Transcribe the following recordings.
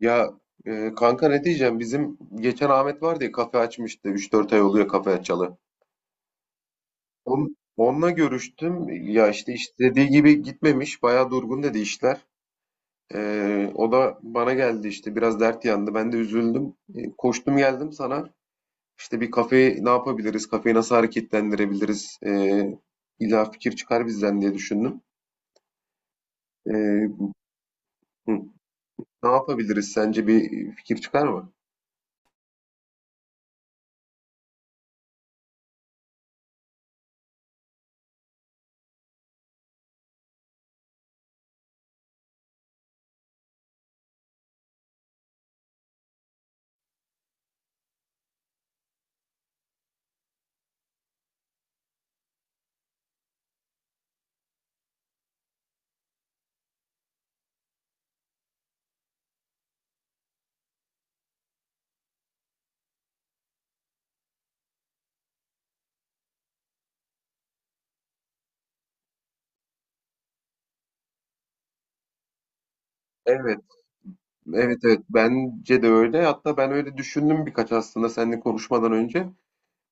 Ya, kanka ne diyeceğim, bizim geçen Ahmet vardı ya, kafe açmıştı, üç dört ay oluyor kafe açalı. Onunla görüştüm ya, işte istediği gibi gitmemiş, bayağı durgun dedi işler. O da bana geldi, işte biraz dert yandı, ben de üzüldüm. Koştum geldim sana, işte bir kafeyi ne yapabiliriz, kafeyi nasıl hareketlendirebiliriz, illa fikir çıkar bizden diye düşündüm. E, hı, Ne yapabiliriz sence, bir fikir çıkar mı? Evet. Evet, evet, bence de öyle. Hatta ben öyle düşündüm birkaç, aslında seninle konuşmadan önce.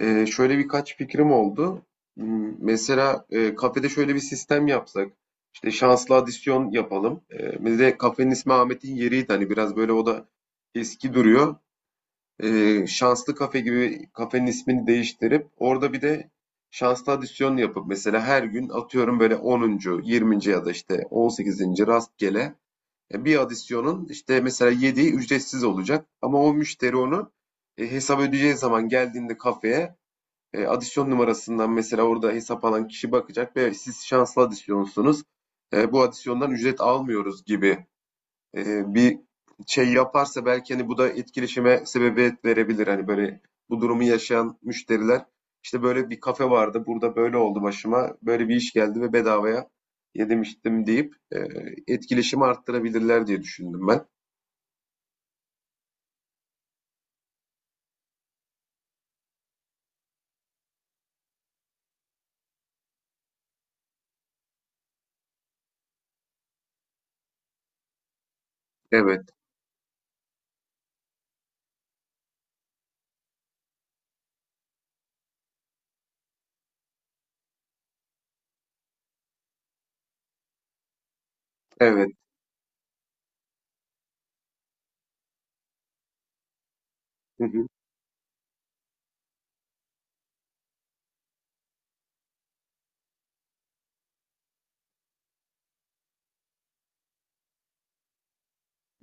Şöyle birkaç fikrim oldu. Mesela kafede şöyle bir sistem yapsak. İşte şanslı adisyon yapalım. Bir de kafenin ismi Ahmet'in yeriydi. Hani biraz böyle o da eski duruyor. Şanslı kafe gibi kafenin ismini değiştirip orada bir de şanslı adisyon yapıp, mesela her gün atıyorum, böyle onuncu, yirminci ya da işte on sekizinci rastgele bir adisyonun işte mesela yediği ücretsiz olacak. Ama o müşteri onu hesap ödeyeceği zaman geldiğinde kafeye adisyon numarasından, mesela orada hesap alan kişi bakacak ve siz şanslı adisyonsunuz, bu adisyondan ücret almıyoruz gibi bir şey yaparsa, belki hani bu da etkileşime sebebiyet verebilir. Hani böyle bu durumu yaşayan müşteriler işte böyle bir kafe vardı, burada böyle oldu, başıma böyle bir iş geldi ve bedavaya yedirmiştim deyip etkileşimi arttırabilirler diye düşündüm ben. Evet, evet. Hı hı.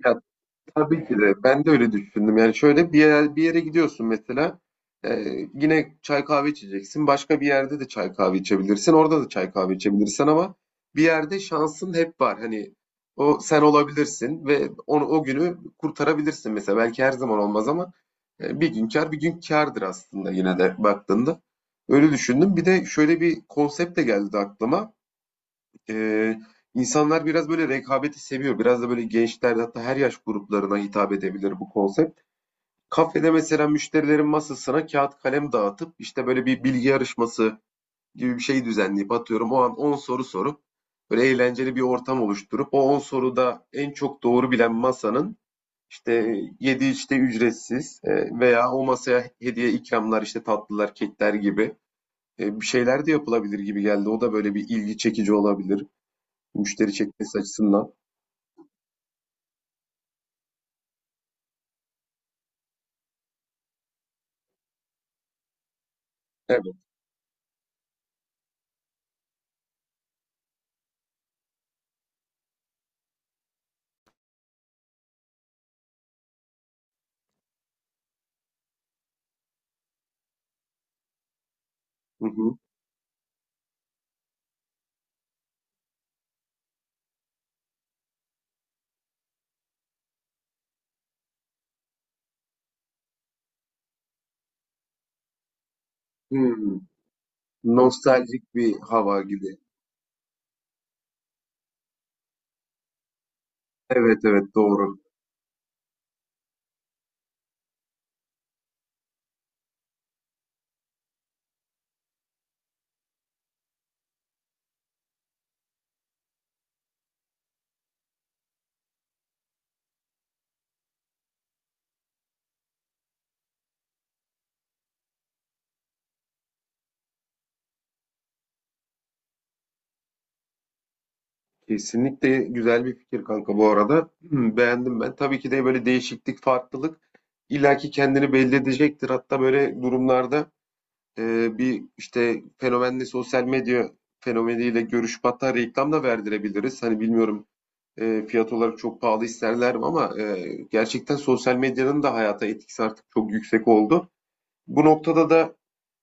Ya, tabii ki de. Ben de öyle düşündüm. Yani şöyle bir yere, bir yere gidiyorsun mesela. e, Yine çay kahve içeceksin. Başka bir yerde de çay kahve içebilirsin, orada da çay kahve içebilirsin ama bir yerde şansın hep var. Hani o sen olabilirsin ve onu, o günü kurtarabilirsin mesela. Belki her zaman olmaz ama bir gün kar, bir gün kârdır aslında, yine de baktığında. Öyle düşündüm. Bir de şöyle bir konsept de geldi aklıma. Ee, insanlar biraz böyle rekabeti seviyor. Biraz da böyle gençlerde, hatta her yaş gruplarına hitap edebilir bu konsept. Kafede mesela müşterilerin masasına kağıt kalem dağıtıp, işte böyle bir bilgi yarışması gibi bir şey düzenleyip, atıyorum o an 10 soru sorup, böyle eğlenceli bir ortam oluşturup, o 10 soruda en çok doğru bilen masanın işte yedi, işte ücretsiz, veya o masaya hediye ikramlar, işte tatlılar, kekler gibi bir şeyler de yapılabilir gibi geldi. O da böyle bir ilgi çekici olabilir. Müşteri çekmesi açısından. Evet. Hı hı. Hımm. Nostaljik bir hava gibi. Evet, evet, doğru. Kesinlikle güzel bir fikir kanka bu arada. Beğendim ben. Tabii ki de böyle değişiklik, farklılık illaki kendini belli edecektir. Hatta böyle durumlarda bir işte fenomenle, sosyal medya fenomeniyle görüşüp hatta reklam da verdirebiliriz. Hani bilmiyorum, fiyat olarak çok pahalı isterler mi ama gerçekten sosyal medyanın da hayata etkisi artık çok yüksek oldu. Bu noktada da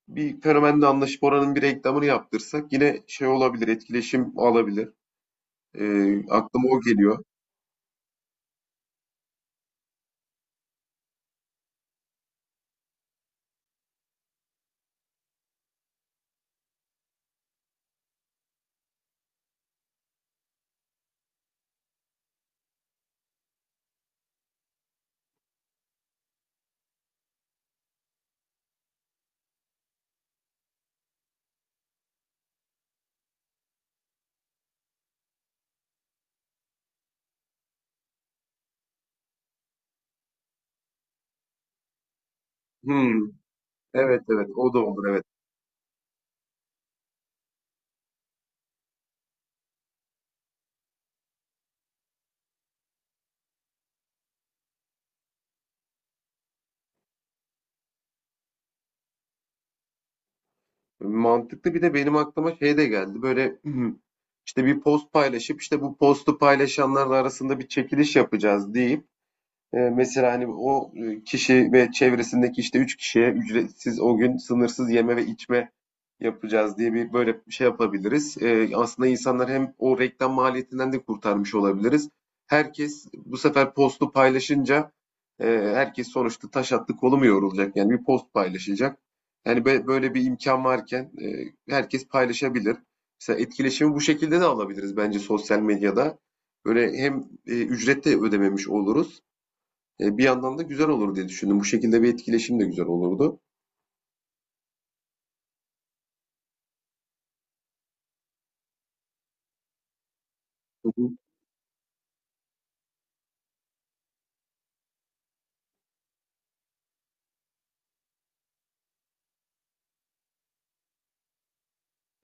bir fenomenle anlaşıp oranın bir reklamını yaptırsak, yine şey olabilir, etkileşim alabilir. Aklıma o geliyor. Hmm, evet, evet, o da olur, evet. Mantıklı. Bir de benim aklıma şey de geldi böyle. İşte bir post paylaşıp, işte bu postu paylaşanlar arasında bir çekiliş yapacağız deyip, mesela hani o kişi ve çevresindeki işte üç kişiye ücretsiz o gün sınırsız yeme ve içme yapacağız diye bir, böyle bir şey yapabiliriz. Aslında insanlar hem, o reklam maliyetinden de kurtarmış olabiliriz. Herkes bu sefer postu paylaşınca e, herkes sonuçta taş attı, kolu mu yorulacak? Yani bir post paylaşacak. Yani böyle bir imkan varken herkes paylaşabilir. Mesela etkileşimi bu şekilde de alabiliriz bence sosyal medyada. Böyle hem ücret de ödememiş oluruz. Bir yandan da güzel olur diye düşündüm. Bu şekilde bir etkileşim de güzel olurdu. Hı hı.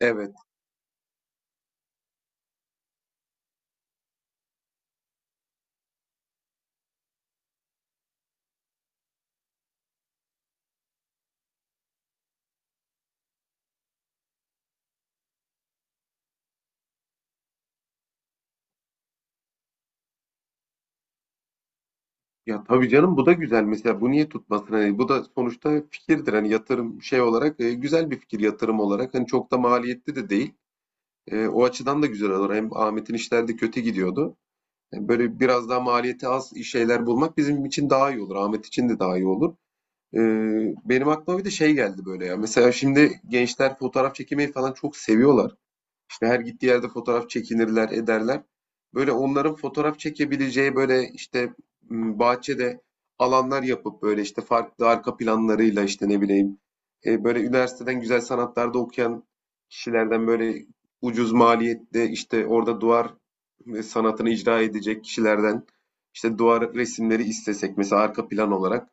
Evet. Ya, tabii canım, bu da güzel mesela. Bu niye tutmasın? Hani, bu da sonuçta fikirdir. Hani, yatırım şey olarak, güzel bir fikir, yatırım olarak. Hani, çok da maliyetli de değil. O açıdan da güzel olur. Hem Ahmet'in işleri de kötü gidiyordu. Böyle biraz daha maliyeti az şeyler bulmak bizim için daha iyi olur. Ahmet için de daha iyi olur. Benim aklıma bir de şey geldi böyle ya. Mesela şimdi gençler fotoğraf çekmeyi falan çok seviyorlar ve her gittiği yerde fotoğraf çekinirler, ederler. Böyle onların fotoğraf çekebileceği, böyle işte bahçede alanlar yapıp, böyle işte farklı arka planlarıyla, işte ne bileyim, böyle üniversiteden güzel sanatlarda okuyan kişilerden, böyle ucuz maliyette, işte orada duvar sanatını icra edecek kişilerden işte duvar resimleri istesek, mesela arka plan olarak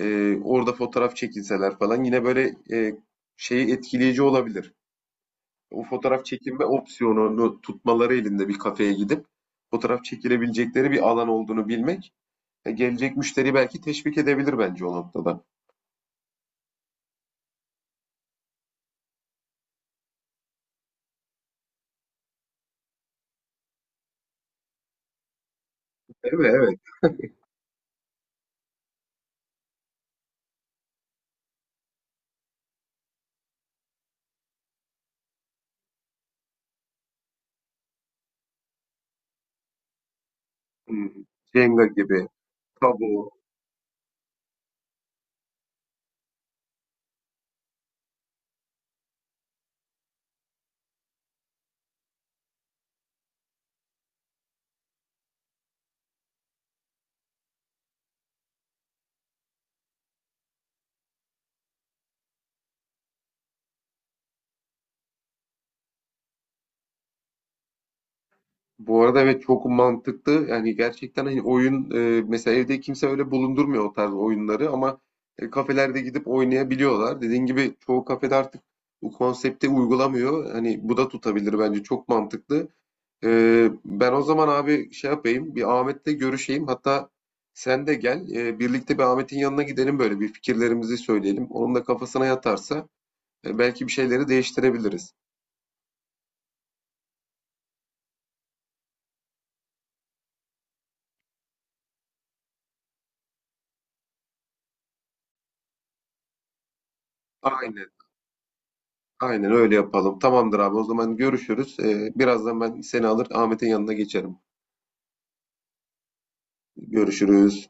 orada fotoğraf çekilseler falan, yine böyle şeyi, etkileyici olabilir o fotoğraf çekinme opsiyonunu tutmaları, elinde bir kafeye gidip fotoğraf çekilebilecekleri bir alan olduğunu bilmek gelecek müşteriyi belki teşvik edebilir bence o noktada. Evet, evet. Hmm. Jenga gibi, Tabu. Bu arada evet, çok mantıklı. Yani gerçekten, hani oyun, mesela evde kimse öyle bulundurmuyor o tarz oyunları ama kafelerde gidip oynayabiliyorlar. Dediğin gibi çoğu kafede artık bu konsepti uygulamıyor. Hani bu da tutabilir bence, çok mantıklı. Ben o zaman abi şey yapayım, bir Ahmet'le görüşeyim. Hatta sen de gel, birlikte bir Ahmet'in yanına gidelim, böyle bir fikirlerimizi söyleyelim. Onun da kafasına yatarsa belki bir şeyleri değiştirebiliriz. Aynen, aynen öyle yapalım. Tamamdır abi, o zaman görüşürüz. Birazdan ben seni alır Ahmet'in yanına geçerim. Görüşürüz.